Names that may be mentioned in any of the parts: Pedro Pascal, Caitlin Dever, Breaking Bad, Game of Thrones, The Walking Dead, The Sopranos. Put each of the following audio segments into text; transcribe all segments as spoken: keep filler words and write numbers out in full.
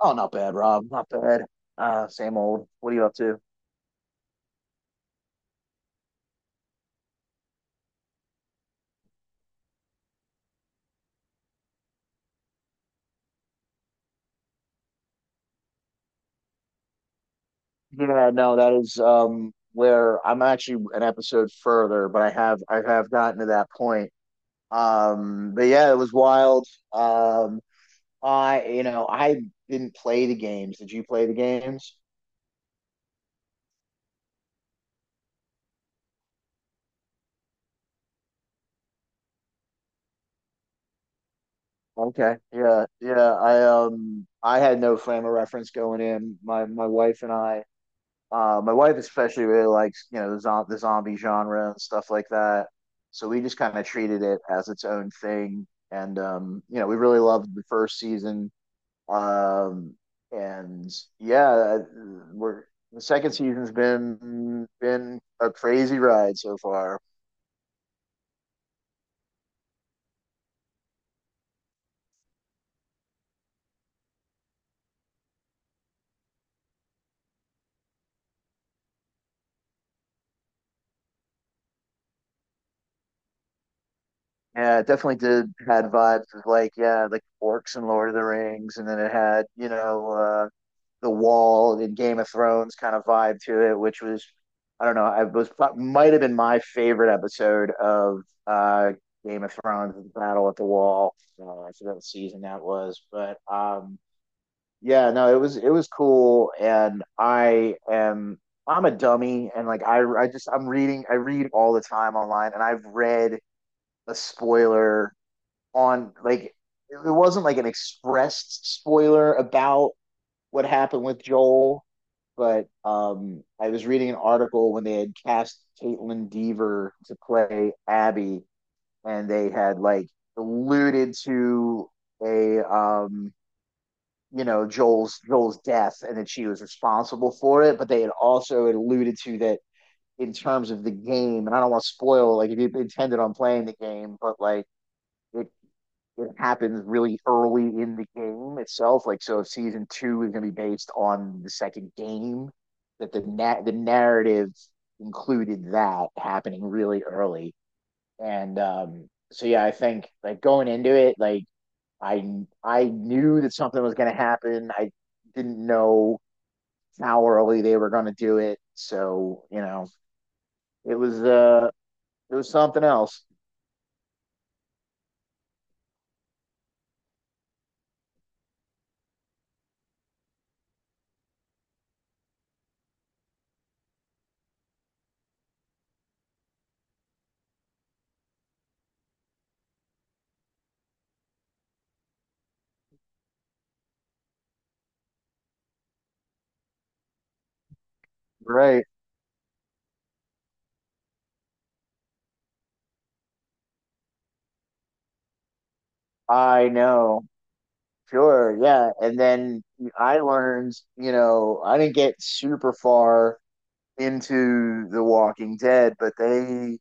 Oh, not bad, Rob. Not bad. Uh, same old. What are you up to? Yeah, no, that is um where I'm actually an episode further, but I have I have gotten to that point. Um, but yeah, it was wild. Um, I you know I didn't play the games. Did you play the games? Okay. Yeah, yeah. I um I had no frame of reference going in. My my wife and I. Uh, my wife especially really likes, you know, the, zo- the zombie genre and stuff like that. So we just kind of treated it as its own thing. And um, you know, we really loved the first season. Um, and yeah, uh, we're the second season's been been a crazy ride so far. Yeah, it definitely did had vibes of like, yeah, like orcs and Lord of the Rings, and then it had, you know, uh, the wall and Game of Thrones kind of vibe to it, which was I don't know, I was might have been my favorite episode of uh, Game of Thrones, the Battle at the Wall. Uh, I forgot what season that was, but um, yeah, no, it was it was cool, and I am I'm a dummy, and like I I just I'm reading I read all the time online, and I've read a spoiler on like it wasn't like an expressed spoiler about what happened with Joel, but um, I was reading an article when they had cast Caitlin Dever to play Abby, and they had like alluded to a um, you know Joel's Joel's death and that she was responsible for it, but they had also alluded to that in terms of the game. And I don't want to spoil like if you intended on playing the game, but like it it happens really early in the game itself. Like, so if season two is going to be based on the second game, that the na- the narrative included that happening really early. And um, so, yeah, I think like going into it, like I I knew that something was going to happen. I didn't know how early they were going to do it. So you know, it was uh, it was something else. Right. I know. Sure, yeah. And then I learned, you know, I didn't get super far into The Walking Dead, but they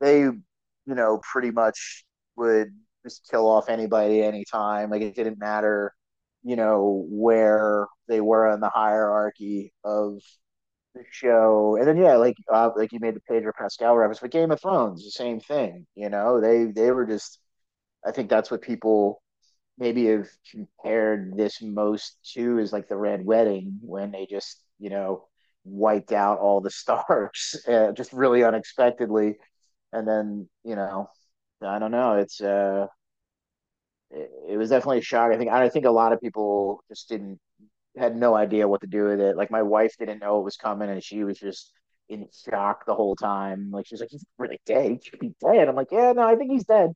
they, you know, pretty much would just kill off anybody anytime. Like it didn't matter, you know, where they were in the hierarchy of the show. And then yeah, like uh, like you made the Pedro Pascal reference, but Game of Thrones, the same thing, you know. They they were just I think that's what people maybe have compared this most to is like the Red Wedding when they just, you know, wiped out all the stars uh, just really unexpectedly. And then, you know, I don't know. It's, uh, it, it was definitely a shock. I think, I think a lot of people just didn't, had no idea what to do with it. Like my wife didn't know it was coming and she was just in shock the whole time. Like she's like, he's really dead. He should be dead. I'm like, yeah, no, I think he's dead.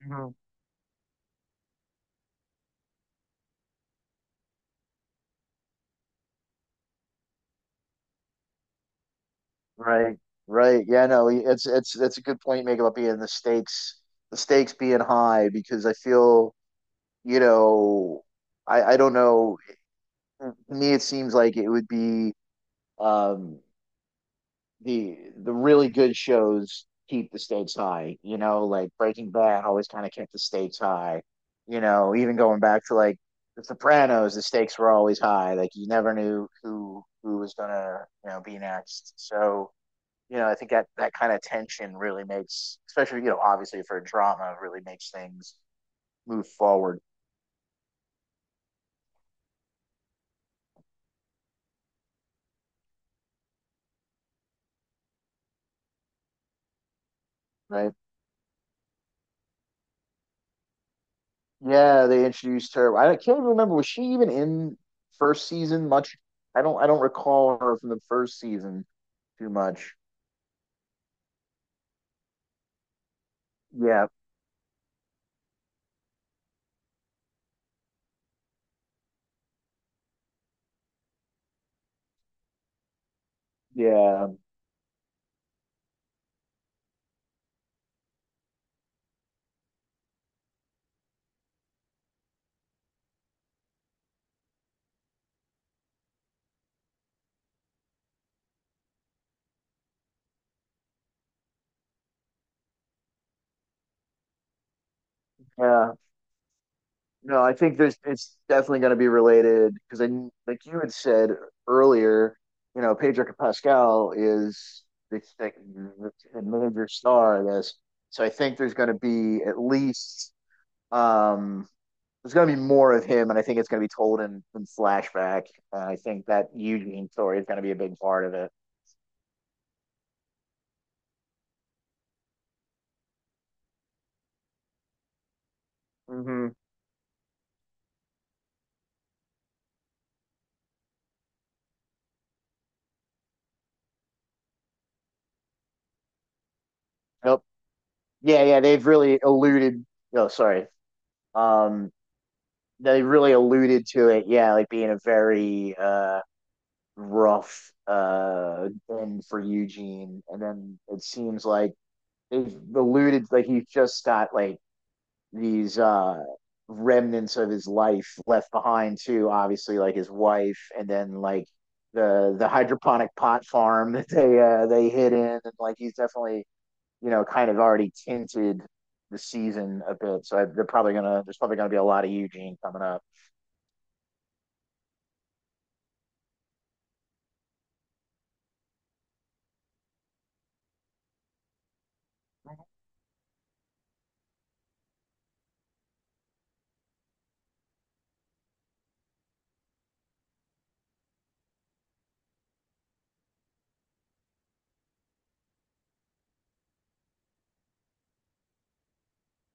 Mhm. Right, right. Yeah, no, it's it's that's a good point you make about being the stakes, the stakes being high because I feel, you know, I I don't know. To me, it seems like it would be um the the really good shows keep the stakes high. You know, like Breaking Bad always kind of kept the stakes high. You know, even going back to like The Sopranos, the stakes were always high. Like you never knew who who was gonna, you know, be next. So you know, I think that that kind of tension really makes, especially you know, obviously for drama, really makes things move forward, right? Yeah, they introduced her. I can't even remember was she even in first season much? I don't I don't recall her from the first season too much. Yeah, yeah, yeah. No, I think there's it's definitely going to be related because I like you had said earlier, you know, Pedro Pascal is the, the, the major star of this, so I think there's going to be at least um there's going to be more of him, and I think it's going to be told in, in flashback. And I think that Eugene story is going to be a big part of it. hmm Nope. Yeah, yeah, they've really alluded. Oh, sorry. Um, they really alluded to it. Yeah, like being a very uh rough uh end for Eugene. And then it seems like they've alluded Like he's just got like these uh remnants of his life left behind too, obviously like his wife and then like the the hydroponic pot farm that they uh they hid in and like he's definitely, you know, kind of already tinted the season a bit. So I, they're probably gonna there's probably gonna be a lot of Eugene coming up.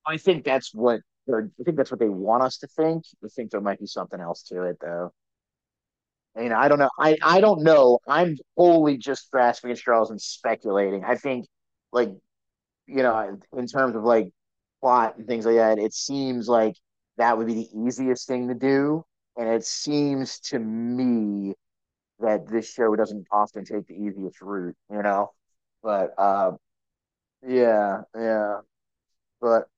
I think that's what they're, I think that's what they want us to think. I think there might be something else to it, though. I mean, I don't know. I, I don't know. I'm wholly just grasping at straws and speculating. I think, like, you know, in terms of like plot and things like that, it seems like that would be the easiest thing to do. And it seems to me that this show doesn't often take the easiest route, you know? But uh, yeah, yeah. But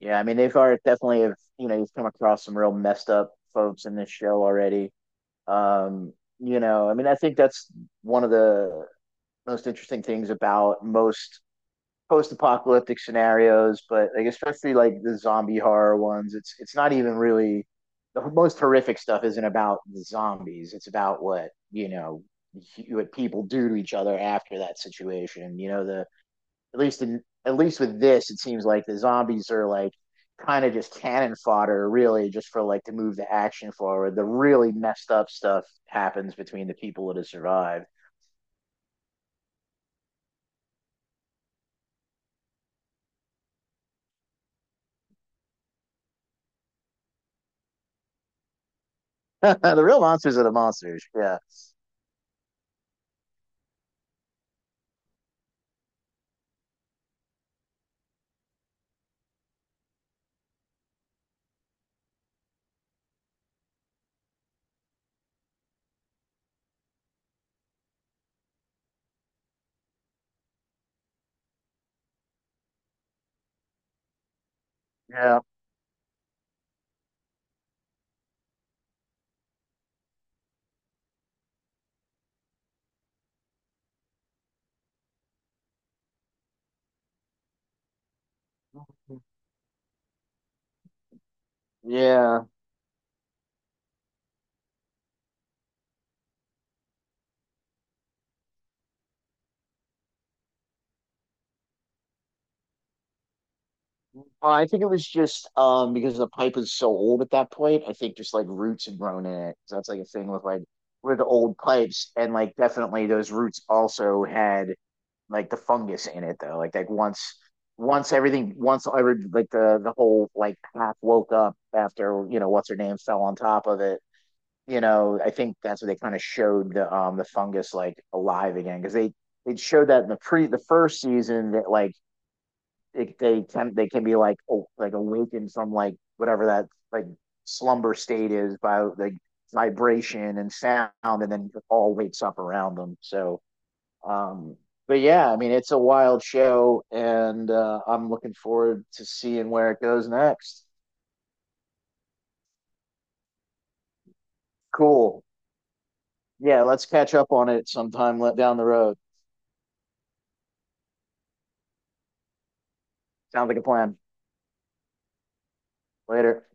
yeah, I mean they've already definitely have you know you've come across some real messed up folks in this show already. Um, you know, I mean I think that's one of the most interesting things about most post-apocalyptic scenarios, but like especially like the zombie horror ones, it's it's not even really the most horrific stuff isn't about the zombies. It's about what, you know, what people do to each other after that situation. You know, the at least in at least with this, it seems like the zombies are like kind of just cannon fodder, really, just for like to move the action forward. The really messed up stuff happens between the people that have survived. the real monsters are the monsters. Yeah, yeah, yeah. Well, I think it was just um because the pipe was so old at that point. I think just like roots had grown in it. So that's like a thing with like with old pipes, and like definitely those roots also had like the fungus in it though. Like like once once everything once every like the the whole like half woke up after you know what's her name fell on top of it. You know, I think that's what they kind of showed the um the fungus like alive again because they they showed that in the pre the first season that like it, they can they can be like oh, like awakened from like whatever that like slumber state is by like vibration and sound and then it all wakes up around them. So um, but yeah, I mean, it's a wild show, and uh, I'm looking forward to seeing where it goes next. Cool. Yeah, let's catch up on it sometime le- down the road. Sounds like a plan. Later.